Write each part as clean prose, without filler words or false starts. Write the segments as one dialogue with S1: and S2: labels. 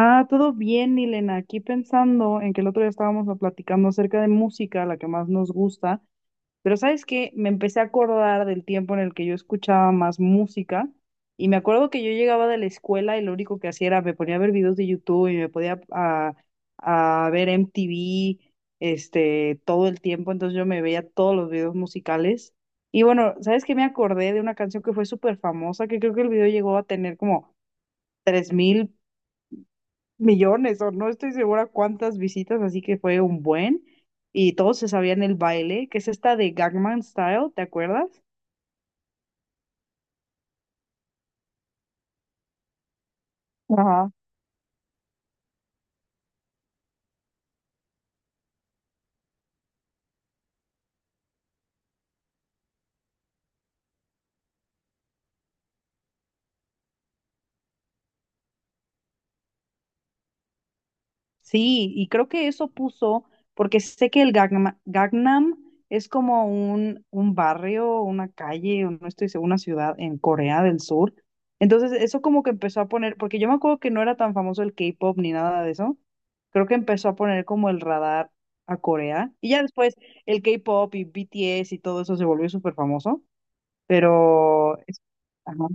S1: Ah, todo bien, Milena. Aquí pensando en que el otro día estábamos platicando acerca de música, la que más nos gusta, pero ¿sabes qué? Me empecé a acordar del tiempo en el que yo escuchaba más música y me acuerdo que yo llegaba de la escuela y lo único que hacía era me ponía a ver videos de YouTube y me podía a ver MTV , todo el tiempo, entonces yo me veía todos los videos musicales. Y bueno, ¿sabes qué? Me acordé de una canción que fue súper famosa, que creo que el video llegó a tener como 3.000 millones o no estoy segura cuántas visitas, así que fue un buen. Y todos se sabían el baile, que es esta de Gangnam Style, ¿te acuerdas? Ajá. Sí, y creo que eso puso, porque sé que el Gangnam es como un barrio, una calle, o no estoy segura, una ciudad en Corea del Sur. Entonces, eso como que empezó a poner, porque yo me acuerdo que no era tan famoso el K-pop ni nada de eso. Creo que empezó a poner como el radar a Corea. Y ya después el K-pop y BTS y todo eso se volvió súper famoso. Pero, ajá.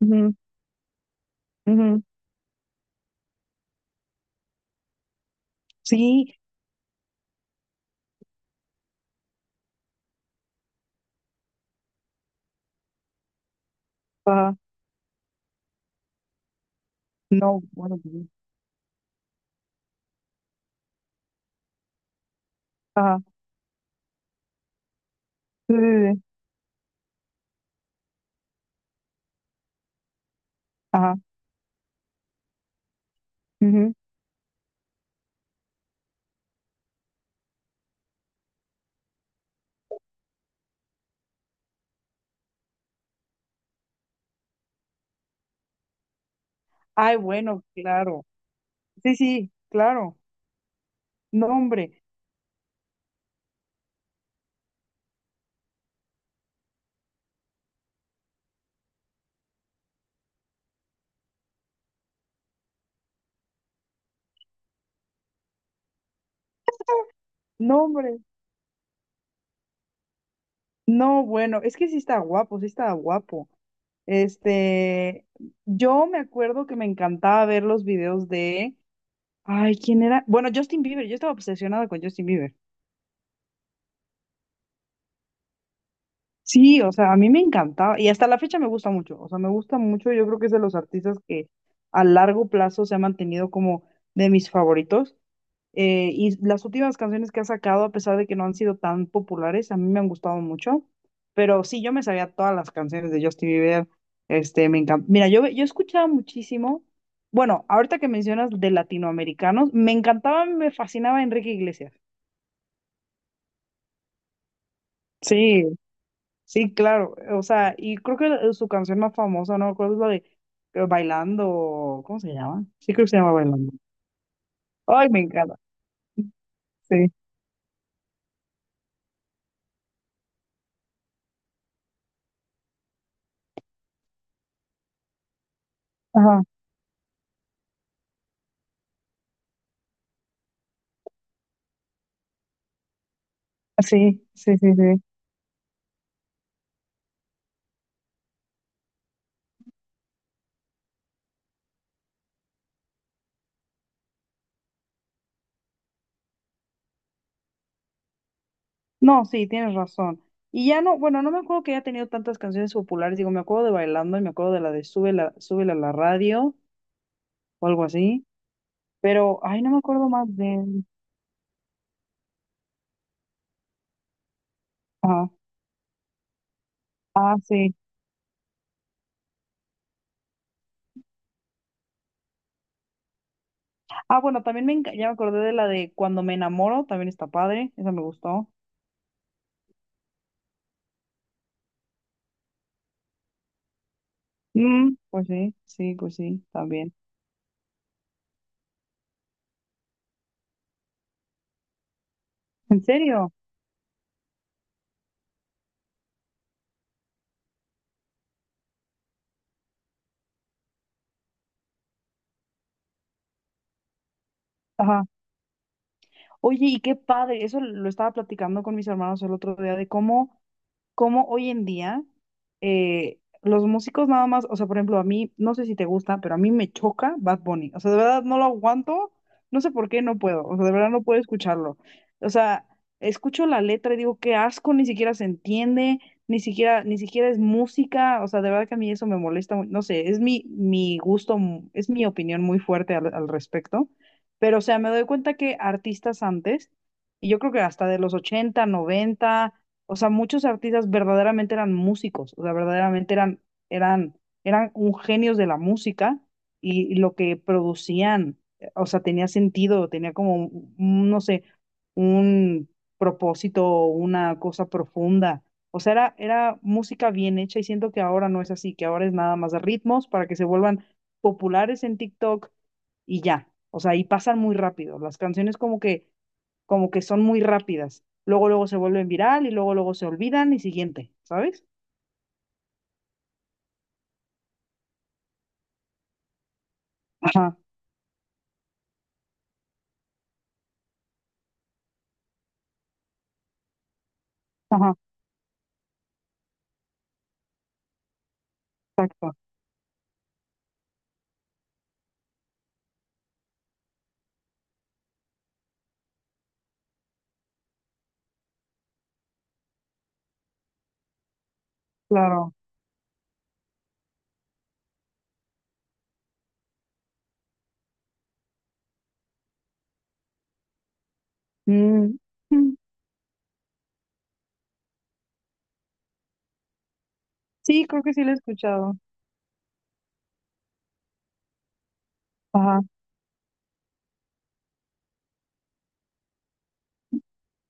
S1: Ujú, ujú. Sí, ajá. No, bueno, ajá. Sí, sí, sí. Ajá. Ujú. Ay, bueno, claro. Sí, sí, claro. No, hombre, no, hombre. No, bueno, es que sí está guapo, sí está guapo. Este, yo me acuerdo que me encantaba ver los videos de, ay, ¿quién era? Bueno, Justin Bieber, yo estaba obsesionada con Justin Bieber. Sí, o sea, a mí me encantaba y hasta la fecha me gusta mucho, o sea, me gusta mucho, yo creo que es de los artistas que a largo plazo se ha mantenido como de mis favoritos. Y las últimas canciones que ha sacado, a pesar de que no han sido tan populares, a mí me han gustado mucho. Pero sí, yo me sabía todas las canciones de Justin Bieber. Me encanta. Mira, yo escuchaba muchísimo. Bueno, ahorita que mencionas de latinoamericanos, me encantaba, me fascinaba Enrique Iglesias. Sí, sí, claro. O sea, y creo que su canción más famosa, no recuerdo, es la de Bailando, ¿cómo se llama? Sí, creo que se llama Bailando. Ay, me encanta. Sí. Ajá. Sí, sí, sí, sí. No, sí, tienes razón. Y ya no, bueno, no me acuerdo que haya tenido tantas canciones populares, digo, me acuerdo de Bailando y me acuerdo de la de Súbela, Súbela a la radio o algo así, pero, ay, no me acuerdo más de él. Ah, ah, sí. Ah, bueno, también me, ya me acordé de la de Cuando me enamoro, también está padre, esa me gustó. Mm, pues sí, sí, pues sí, también. ¿En serio? Oye, y qué padre, eso lo estaba platicando con mis hermanos el otro día, de cómo, cómo hoy en día los músicos nada más, o sea, por ejemplo, a mí, no sé si te gusta, pero a mí me choca Bad Bunny, o sea, de verdad no lo aguanto, no sé por qué no puedo, o sea, de verdad no puedo escucharlo. O sea, escucho la letra y digo, qué asco, ni siquiera se entiende, ni siquiera, ni siquiera es música, o sea, de verdad que a mí eso me molesta, no sé, es mi, mi gusto, es mi opinión muy fuerte al respecto, pero, o sea, me doy cuenta que artistas antes, y yo creo que hasta de los ochenta, noventa, o sea, muchos artistas verdaderamente eran músicos, o sea, verdaderamente eran, eran un genios de la música y lo que producían, o sea, tenía sentido, tenía como, no sé, un propósito, una cosa profunda. O sea, era música bien hecha y siento que ahora no es así, que ahora es nada más de ritmos para que se vuelvan populares en TikTok y ya. O sea, y pasan muy rápido. Las canciones como que son muy rápidas. Luego, luego se vuelven viral y luego, luego se olvidan y siguiente, ¿sabes? Ajá, ajá, claro. Mm, mm. Sí, creo que sí lo he escuchado. Ajá,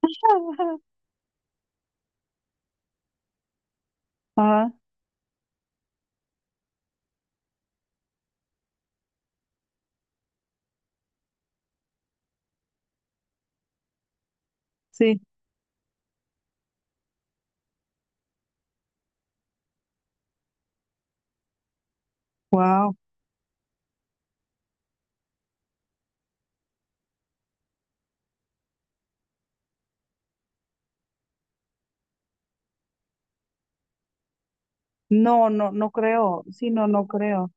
S1: ajá, sí, wow. No, no, no creo. Sí, no, no creo.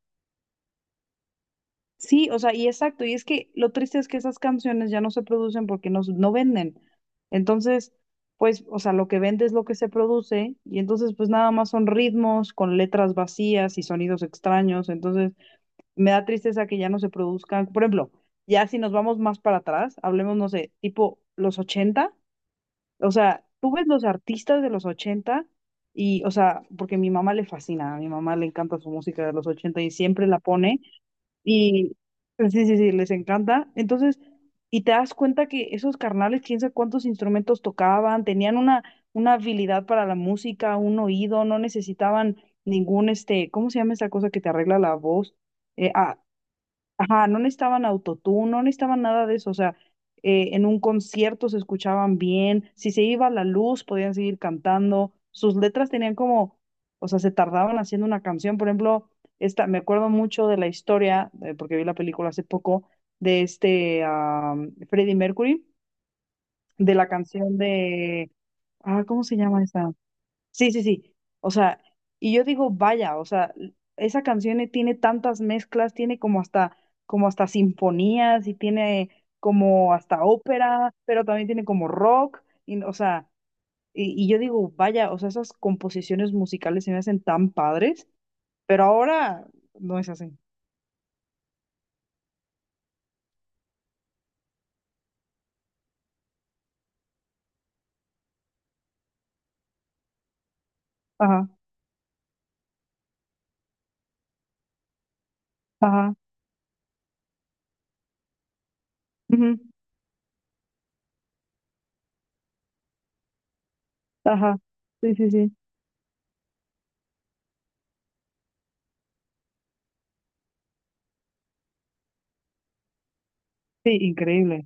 S1: Sí, o sea, y exacto, y es que lo triste es que esas canciones ya no se producen porque no, no venden. Entonces, pues, o sea, lo que vende es lo que se produce, y entonces, pues nada más son ritmos con letras vacías y sonidos extraños. Entonces, me da tristeza que ya no se produzcan. Por ejemplo, ya si nos vamos más para atrás, hablemos, no sé, tipo los 80, o sea, tú ves los artistas de los 80 y, o sea, porque mi mamá le fascina, a mi mamá le encanta su música de los 80 y siempre la pone. Y pues, sí, sí, sí, les encanta. Entonces, y te das cuenta que esos carnales, quién sabe cuántos instrumentos tocaban, tenían una habilidad para la música, un oído, no necesitaban ningún, ¿cómo se llama esa cosa que te arregla la voz? Eh, ah, Ajá, no necesitaban autotune, no necesitaban nada de eso, o sea, en un concierto se escuchaban bien, si se iba la luz podían seguir cantando, sus letras tenían como, o sea, se tardaban haciendo una canción, por ejemplo, esta, me acuerdo mucho de la historia, porque vi la película hace poco, de Freddie Mercury, de la canción de, ¿cómo se llama esa? Sí, sí, sí. O sea, y yo digo, vaya, o sea, esa canción tiene tantas mezclas, tiene como hasta sinfonías y tiene como hasta ópera, pero también tiene como rock, y, o sea, y yo digo, vaya, o sea, esas composiciones musicales se me hacen tan padres, pero ahora no es así. Ajá, ajá, ujú, ajá. Sí, sí, sí. Sí, increíble.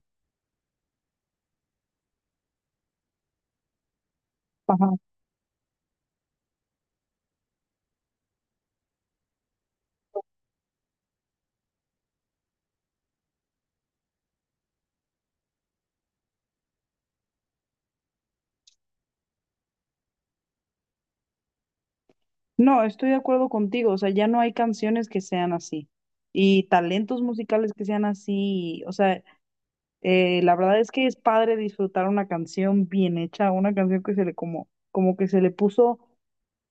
S1: No, estoy de acuerdo contigo, o sea, ya no hay canciones que sean así y talentos musicales que sean así, o sea, la verdad es que es padre disfrutar una canción bien hecha, una canción que se le como, como que se le puso,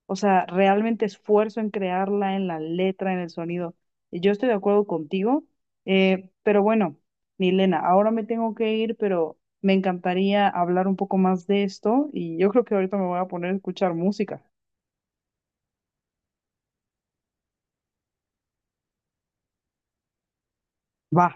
S1: o sea, realmente esfuerzo en crearla, en la letra, en el sonido. Y yo estoy de acuerdo contigo, pero bueno, Milena, ahora me tengo que ir, pero me encantaría hablar un poco más de esto y yo creo que ahorita me voy a poner a escuchar música. Va.